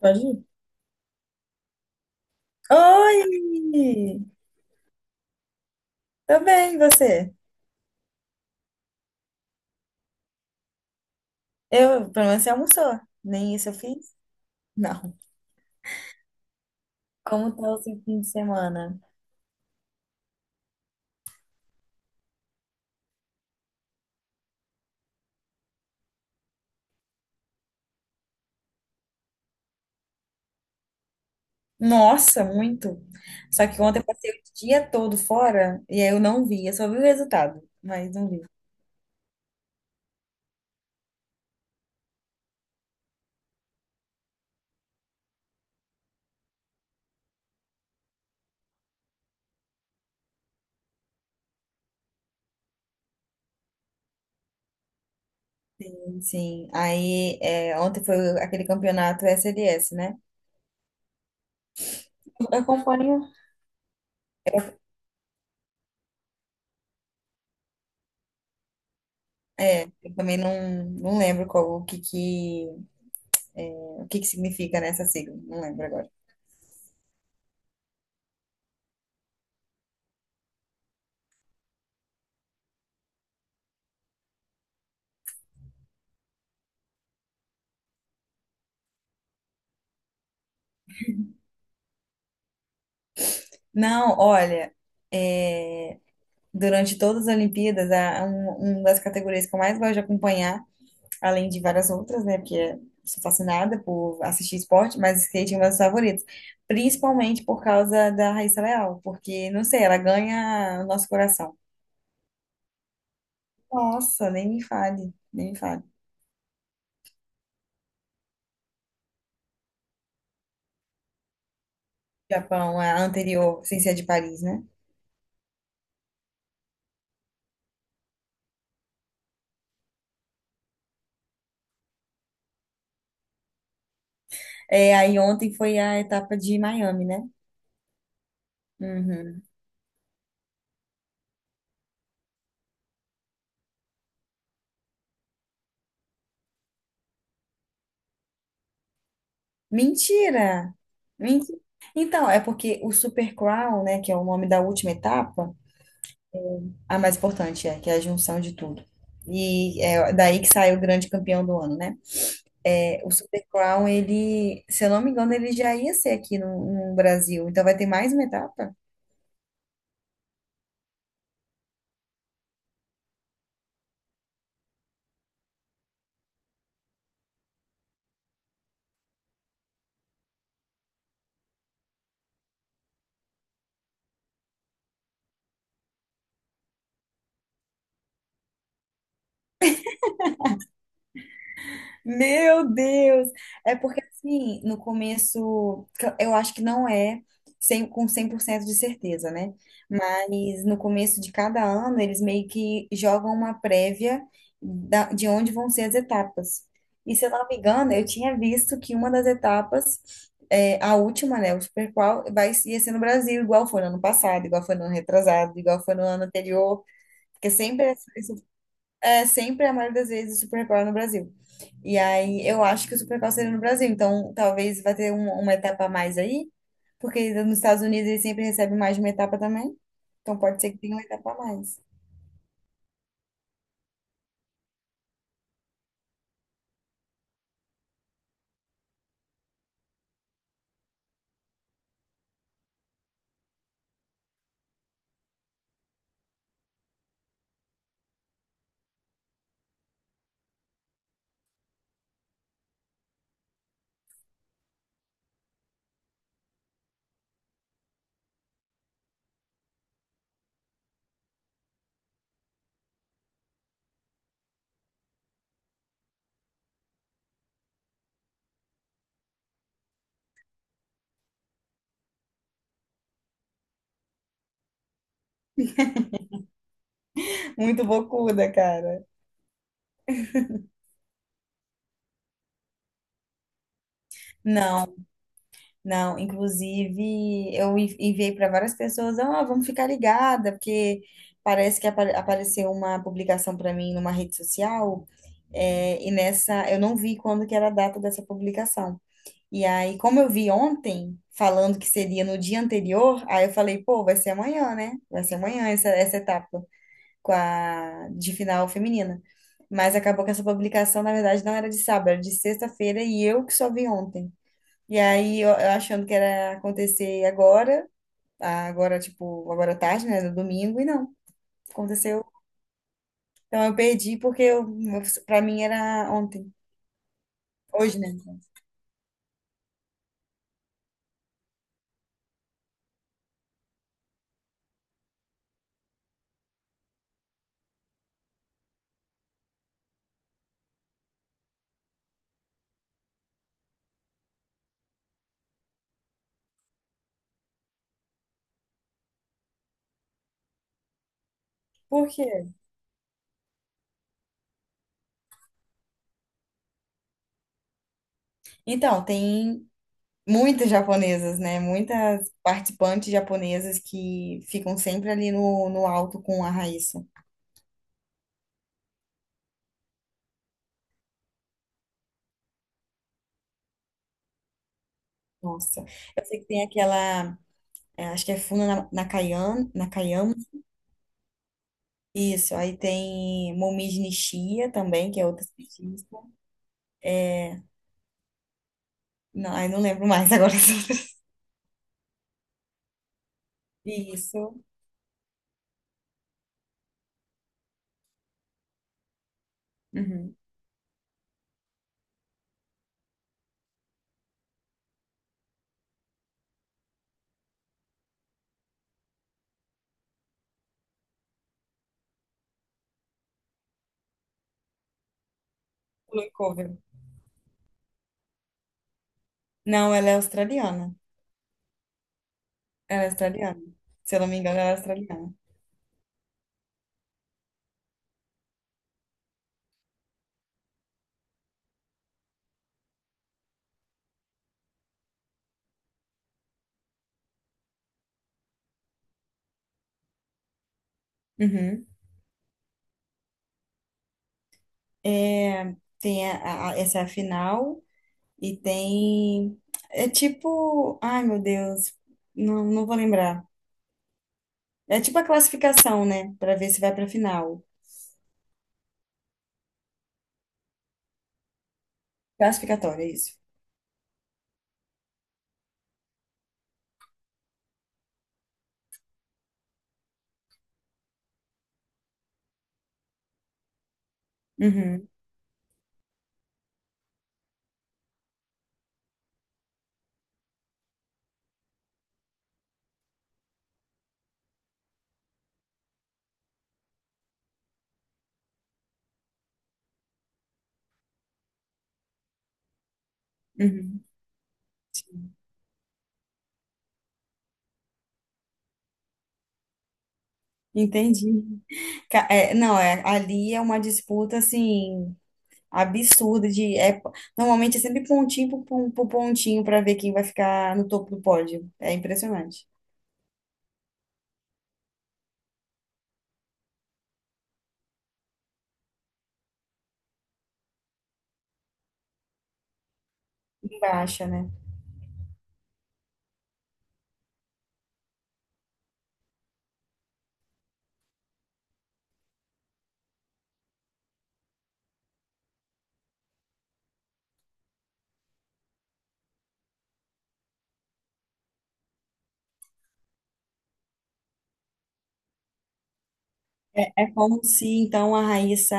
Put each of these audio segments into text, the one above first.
Pode ir. Oi! Tô bem, e você? Eu, pelo menos você almoçou. Nem isso eu fiz? Não. Como tá o seu fim de semana? Nossa, muito! Só que ontem eu passei o dia todo fora e aí eu não vi. Eu só vi o resultado, mas não vi. Sim, aí é, ontem foi aquele campeonato SLS, né? Eu acompanho. É, eu também não lembro qual, é, o que que significa nessa sigla. Não lembro agora. Não, olha, é, durante todas as Olimpíadas, uma das categorias que eu mais gosto de acompanhar, além de várias outras, né? Porque eu sou fascinada por assistir esporte, mas skate é uma das favoritas. Principalmente por causa da Raíssa Leal, porque, não sei, ela ganha o nosso coração. Nossa, nem me fale, nem me fale. Japão, a anterior, sem ser a de Paris, né? É, aí ontem foi a etapa de Miami, né? Uhum. Mentira! Mentira! Então, é porque o Super Crown, né, que é o nome da última etapa. A mais importante é, que é a junção de tudo. E é daí que saiu o grande campeão do ano, né? É, o Super Crown, ele, se eu não me engano, ele já ia ser aqui no Brasil. Então vai ter mais uma etapa? Meu Deus! É porque, assim, no começo, que eu acho que não é 100 com 100% de certeza, né? Mas no começo de cada ano, eles meio que jogam uma prévia de onde vão ser as etapas. E se eu não me engano, eu tinha visto que uma das etapas, é, a última, né, o Super Qual, ia ser no Brasil, igual foi no ano passado, igual foi no ano retrasado, igual foi no ano anterior, porque sempre é é sempre, a maioria das vezes, o Supercore é no Brasil. E aí eu acho que o Supercore seria no Brasil, então talvez vai ter uma etapa a mais aí, porque nos Estados Unidos eles sempre recebem mais de uma etapa também. Então pode ser que tenha uma etapa a mais. Muito bocuda, cara. Não, não. Inclusive, enviei para várias pessoas, ah, vamos ficar ligada, porque parece que apareceu uma publicação para mim numa rede social, é, e nessa eu não vi quando que era a data dessa publicação. E aí, como eu vi ontem, falando que seria no dia anterior, aí eu falei, pô, vai ser amanhã, né? Vai ser amanhã essa etapa com a, de final feminina. Mas acabou que essa publicação, na verdade, não era de sábado, era de sexta-feira e eu que só vi ontem. E aí, eu achando que era acontecer agora, agora, tipo, agora à tarde, né? No domingo, e não, aconteceu. Então eu perdi porque pra mim era ontem. Hoje, né? Por quê? Então, tem. Muitas japonesas, né? Muitas participantes japonesas que ficam sempre ali no alto com a Raíssa. Nossa, eu sei que tem aquela, é, acho que é Funa Nakayan, Nakayama, isso, aí tem Momiji Nishiya também, que é outra skatista. Não, aí não lembro mais agora as outras. Isso, uhum. Blue Cover. Não, ela é australiana, se eu não me engano, ela é australiana. Uhum. É, tem essa é a final. E tem. É tipo. Ai, meu Deus. Não, não vou lembrar. É tipo a classificação, né? Pra ver se vai pra final. Classificatória, é isso. Uhum, uhum. Entendi. Não, é, ali é uma disputa, assim, absurda de. É, normalmente é sempre por pontinho para ver quem vai ficar no topo do pódio. É impressionante. Em baixa, né? É, é como se, então, a Raíssa,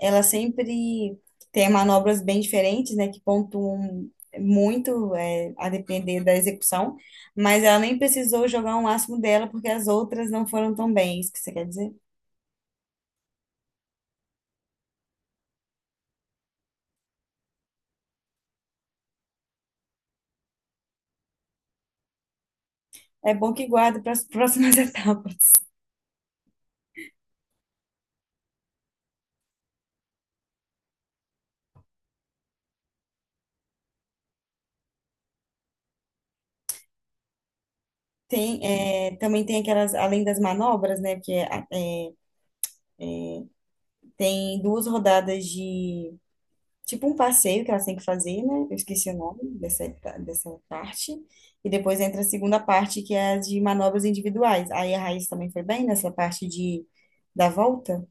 ela sempre tem manobras bem diferentes, né, que pontuam muito, é, a depender da execução, mas ela nem precisou jogar um máximo dela, porque as outras não foram tão bem, é isso que você quer dizer? É bom que guarda para as próximas etapas. Tem, é, também tem aquelas, além das manobras, né, porque é, tem duas rodadas de tipo um passeio que elas têm que fazer, né? Eu esqueci o nome dessa, dessa parte. E depois entra a segunda parte, que é a de manobras individuais. Aí a Raíssa também foi bem nessa parte de da volta.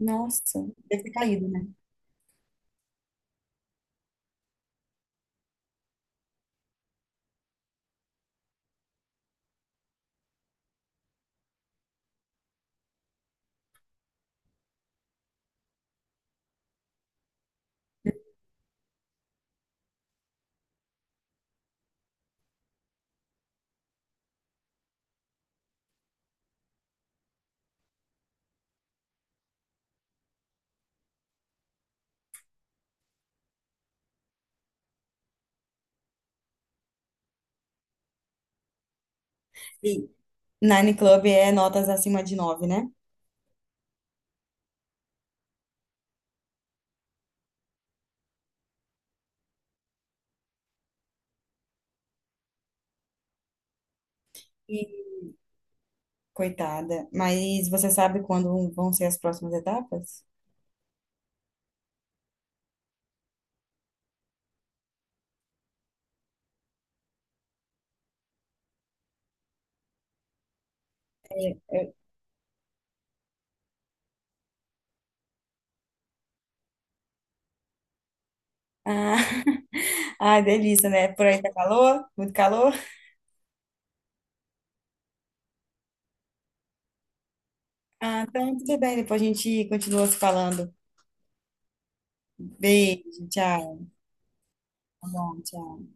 Nossa, deve ter caído, né? E Nine Club é notas acima de nove, né? E, coitada. Mas você sabe quando vão ser as próximas etapas? É. é- Ah, ah, delícia, né? Por aí tá calor? Muito calor? Ah, então tudo bem, depois a gente continua se falando. Beijo, tchau. Tá bom, tchau.